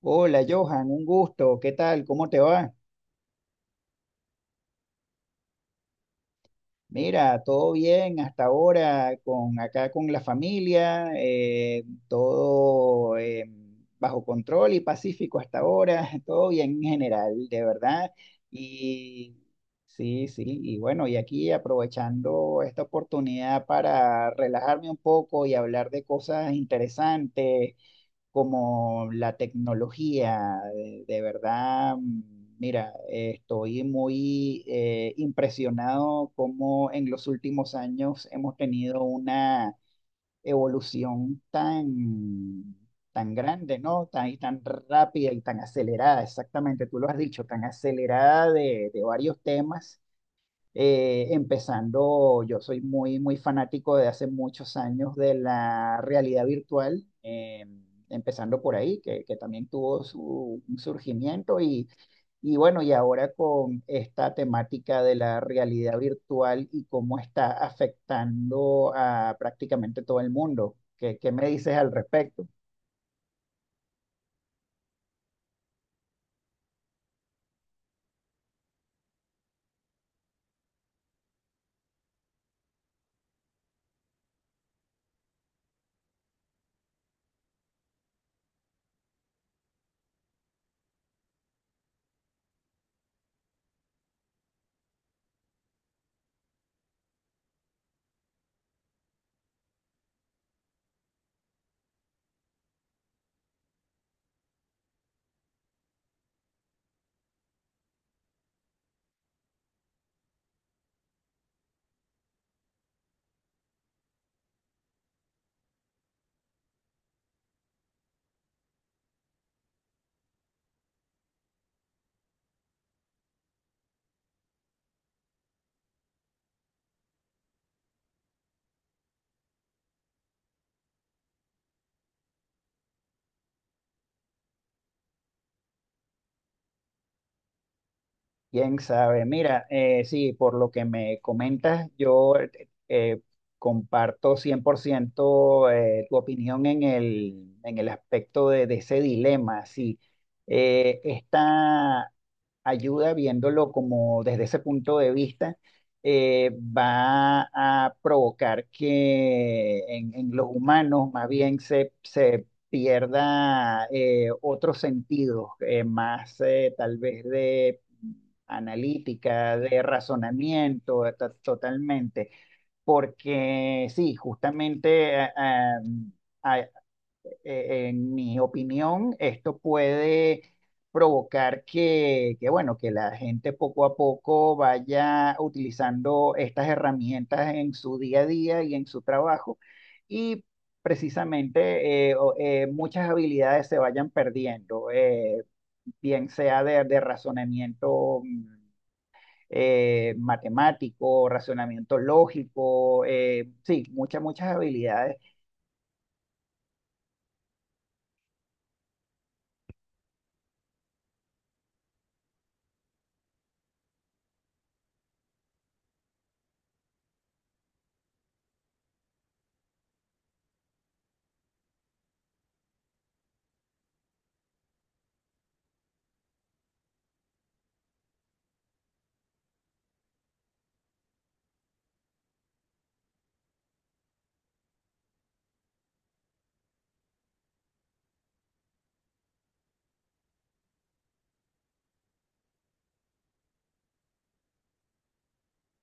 Hola Johan, un gusto, ¿qué tal? ¿Cómo te va? Mira, todo bien hasta ahora, con acá con la familia, todo bajo control y pacífico hasta ahora, todo bien en general, de verdad. Y sí, sí, y bueno, y aquí aprovechando esta oportunidad para relajarme un poco y hablar de cosas interesantes como la tecnología, de verdad. Mira, estoy muy impresionado cómo en los últimos años hemos tenido una evolución tan, tan grande, ¿no? Tan, y tan rápida y tan acelerada, exactamente, tú lo has dicho, tan acelerada de varios temas, yo soy muy, muy fanático de hace muchos años de la realidad virtual, empezando por ahí, que también tuvo su un surgimiento Y bueno, y ahora con esta temática de la realidad virtual y cómo está afectando a prácticamente todo el mundo. ¿Qué, qué me dices al respecto? Quién sabe. Mira, sí, por lo que me comentas, yo comparto 100% tu opinión en el aspecto de ese dilema. Sí. Esta ayuda, viéndolo como desde ese punto de vista, va a provocar que en los humanos más bien se pierda, otros sentidos, más, tal vez de analítica, de razonamiento, totalmente. Porque sí, justamente eh, en mi opinión, esto puede provocar que, bueno, que la gente poco a poco vaya utilizando estas herramientas en su día a día y en su trabajo, y precisamente, muchas habilidades se vayan perdiendo, bien sea de razonamiento, matemático, razonamiento lógico, sí, muchas, muchas habilidades.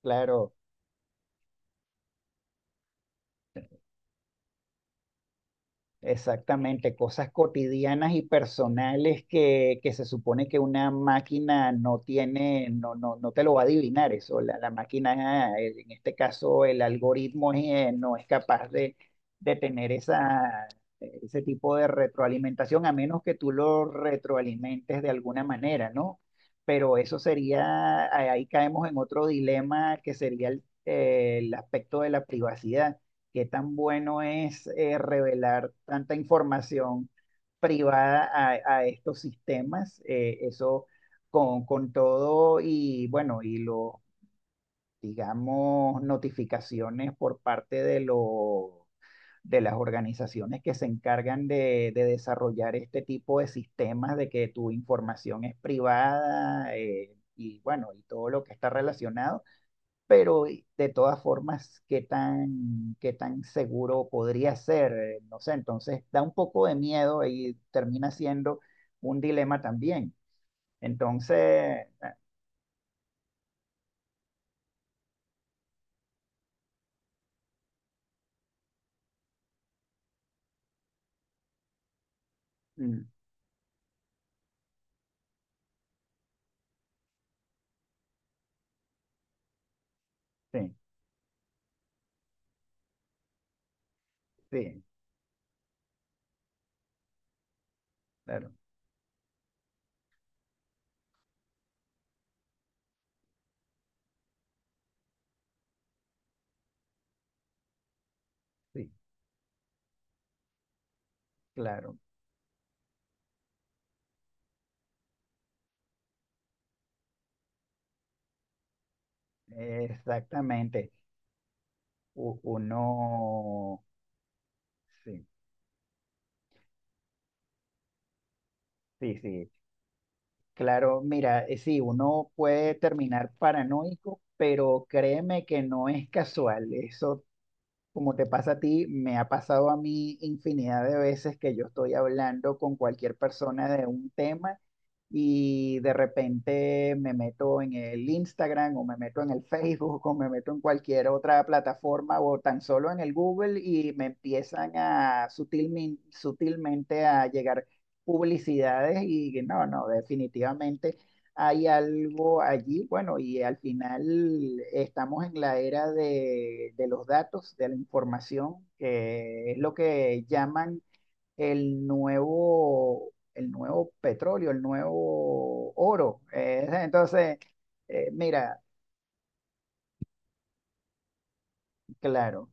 Claro. Exactamente, cosas cotidianas y personales que se supone que una máquina no tiene, no, no, no te lo va a adivinar eso. La máquina, en este caso, el algoritmo, no es capaz de tener ese tipo de retroalimentación, a menos que tú lo retroalimentes de alguna manera, ¿no? Pero eso sería, ahí caemos en otro dilema, que sería el aspecto de la privacidad. ¿Qué tan bueno es, revelar tanta información privada a estos sistemas? Eso, con todo, y bueno, y lo, digamos, notificaciones por parte de las organizaciones que se encargan de desarrollar este tipo de sistemas, de que tu información es privada, y bueno, y todo lo que está relacionado, pero, de todas formas, qué tan seguro podría ser? No sé. Entonces da un poco de miedo y termina siendo un dilema también. Entonces, mm, sí, sí, claro, sí, claro, exactamente. U- Uno, sí, sí, sí, claro. Mira, sí, uno puede terminar paranoico, pero créeme que no es casual, eso. Como te pasa a ti, me ha pasado a mí infinidad de veces que yo estoy hablando con cualquier persona de un tema, y de repente me meto en el Instagram, o me meto en el Facebook, o me meto en cualquier otra plataforma, o tan solo en el Google, y me empiezan a sutilmente a llegar publicidades, y no, no, definitivamente hay algo allí. Bueno, y al final estamos en la era de los datos, de la información, que es lo que llaman el nuevo petróleo, el nuevo oro. Entonces, mira, claro,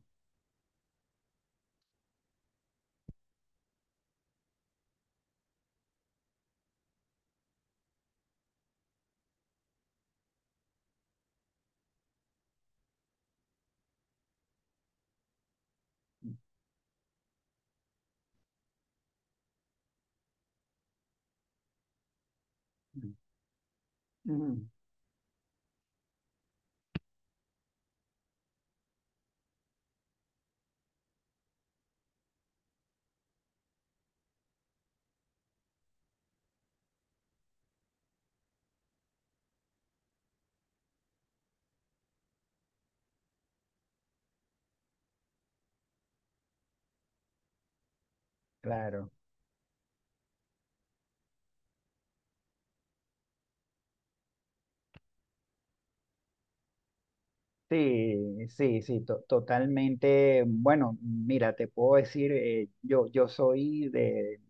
ujú, claro. Sí, sí, sí, totalmente. Bueno, mira, te puedo decir, yo soy de,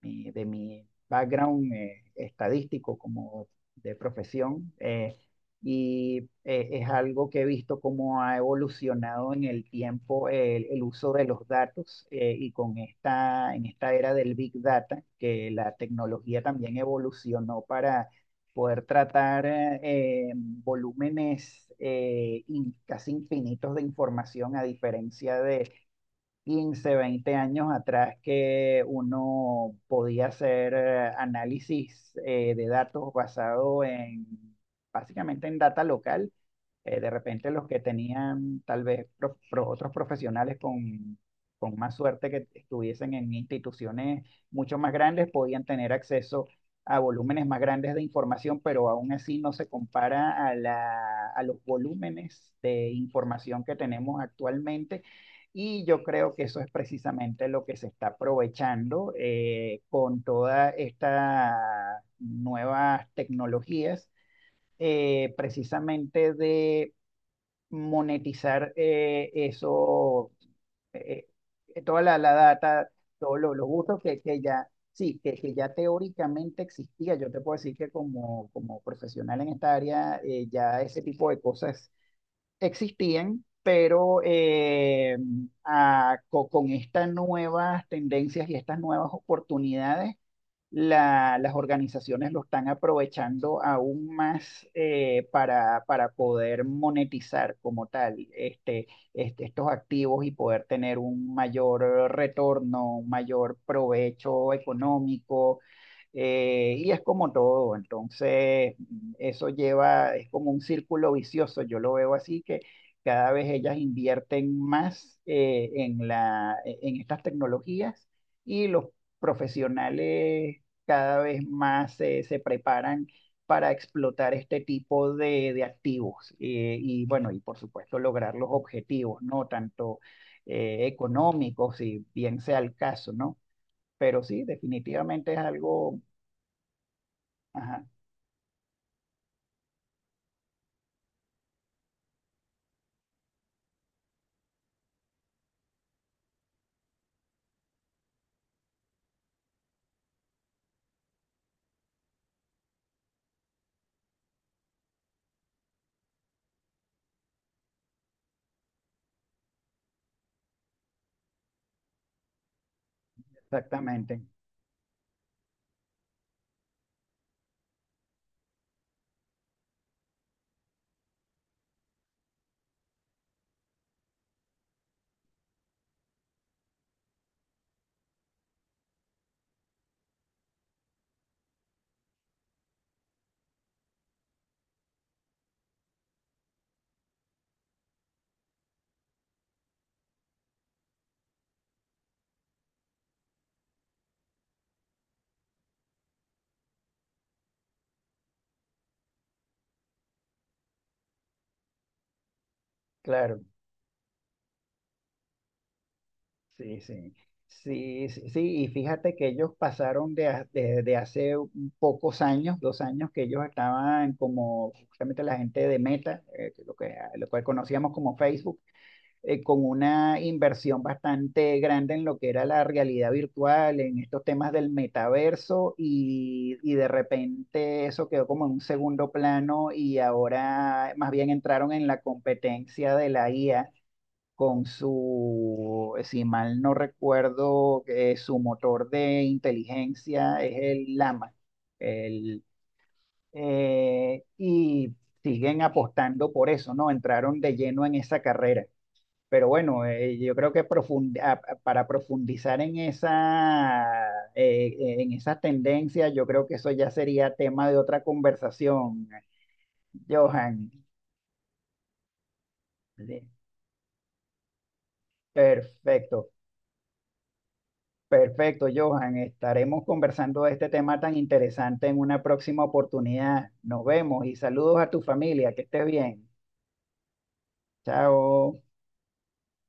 mi- de mi background, estadístico, como de profesión. Y es algo que he visto cómo ha evolucionado en el tiempo el uso de los datos, y con esta, en esta era del Big Data, que la tecnología también evolucionó para poder tratar, volúmenes, casi infinitos de información, a diferencia de 15 20 años atrás, que uno podía hacer, análisis, de datos basado en, básicamente en data local. De repente los que tenían tal vez otros profesionales con más suerte, que estuviesen en instituciones mucho más grandes, podían tener acceso a volúmenes más grandes de información, pero aún así no se compara a a los volúmenes de información que tenemos actualmente. Y yo creo que eso es precisamente lo que se está aprovechando, con todas estas nuevas tecnologías, precisamente de monetizar, eso, eh, toda la data, todos los usos que, sí, que ya teóricamente existía. Yo te puedo decir que como, como profesional en esta área, ya ese tipo de cosas existían, pero, con estas nuevas tendencias y estas nuevas oportunidades, las organizaciones lo están aprovechando aún más, para poder monetizar como tal, este, estos activos, y poder tener un mayor retorno, un mayor provecho económico. Y es como todo, entonces, eso lleva, es como un círculo vicioso, yo lo veo así, que cada vez ellas invierten más, en estas tecnologías, y los profesionales cada vez más, se preparan para explotar este tipo de activos. Y bueno, y por supuesto lograr los objetivos, ¿no? Tanto, económicos, si bien sea el caso, ¿no? Pero sí, definitivamente es algo, ajá, exactamente, claro, sí, sí. Sí, sí, sí, y fíjate que ellos pasaron de, de hace un pocos años, dos años, que ellos estaban, como justamente la gente de Meta, que lo que, conocíamos como Facebook, con una inversión bastante grande en lo que era la realidad virtual, en estos temas del metaverso, y de repente eso quedó como en un segundo plano, y ahora más bien entraron en la competencia de la IA, con su, si mal no recuerdo, su motor de inteligencia, es el Llama. El, y siguen apostando por eso, ¿no? Entraron de lleno en esa carrera. Pero bueno, yo creo que para profundizar en esa tendencia, yo creo que eso ya sería tema de otra conversación, Johan. Sí. Perfecto, perfecto, Johan. Estaremos conversando de este tema tan interesante en una próxima oportunidad. Nos vemos y saludos a tu familia. Que estés bien. Chao.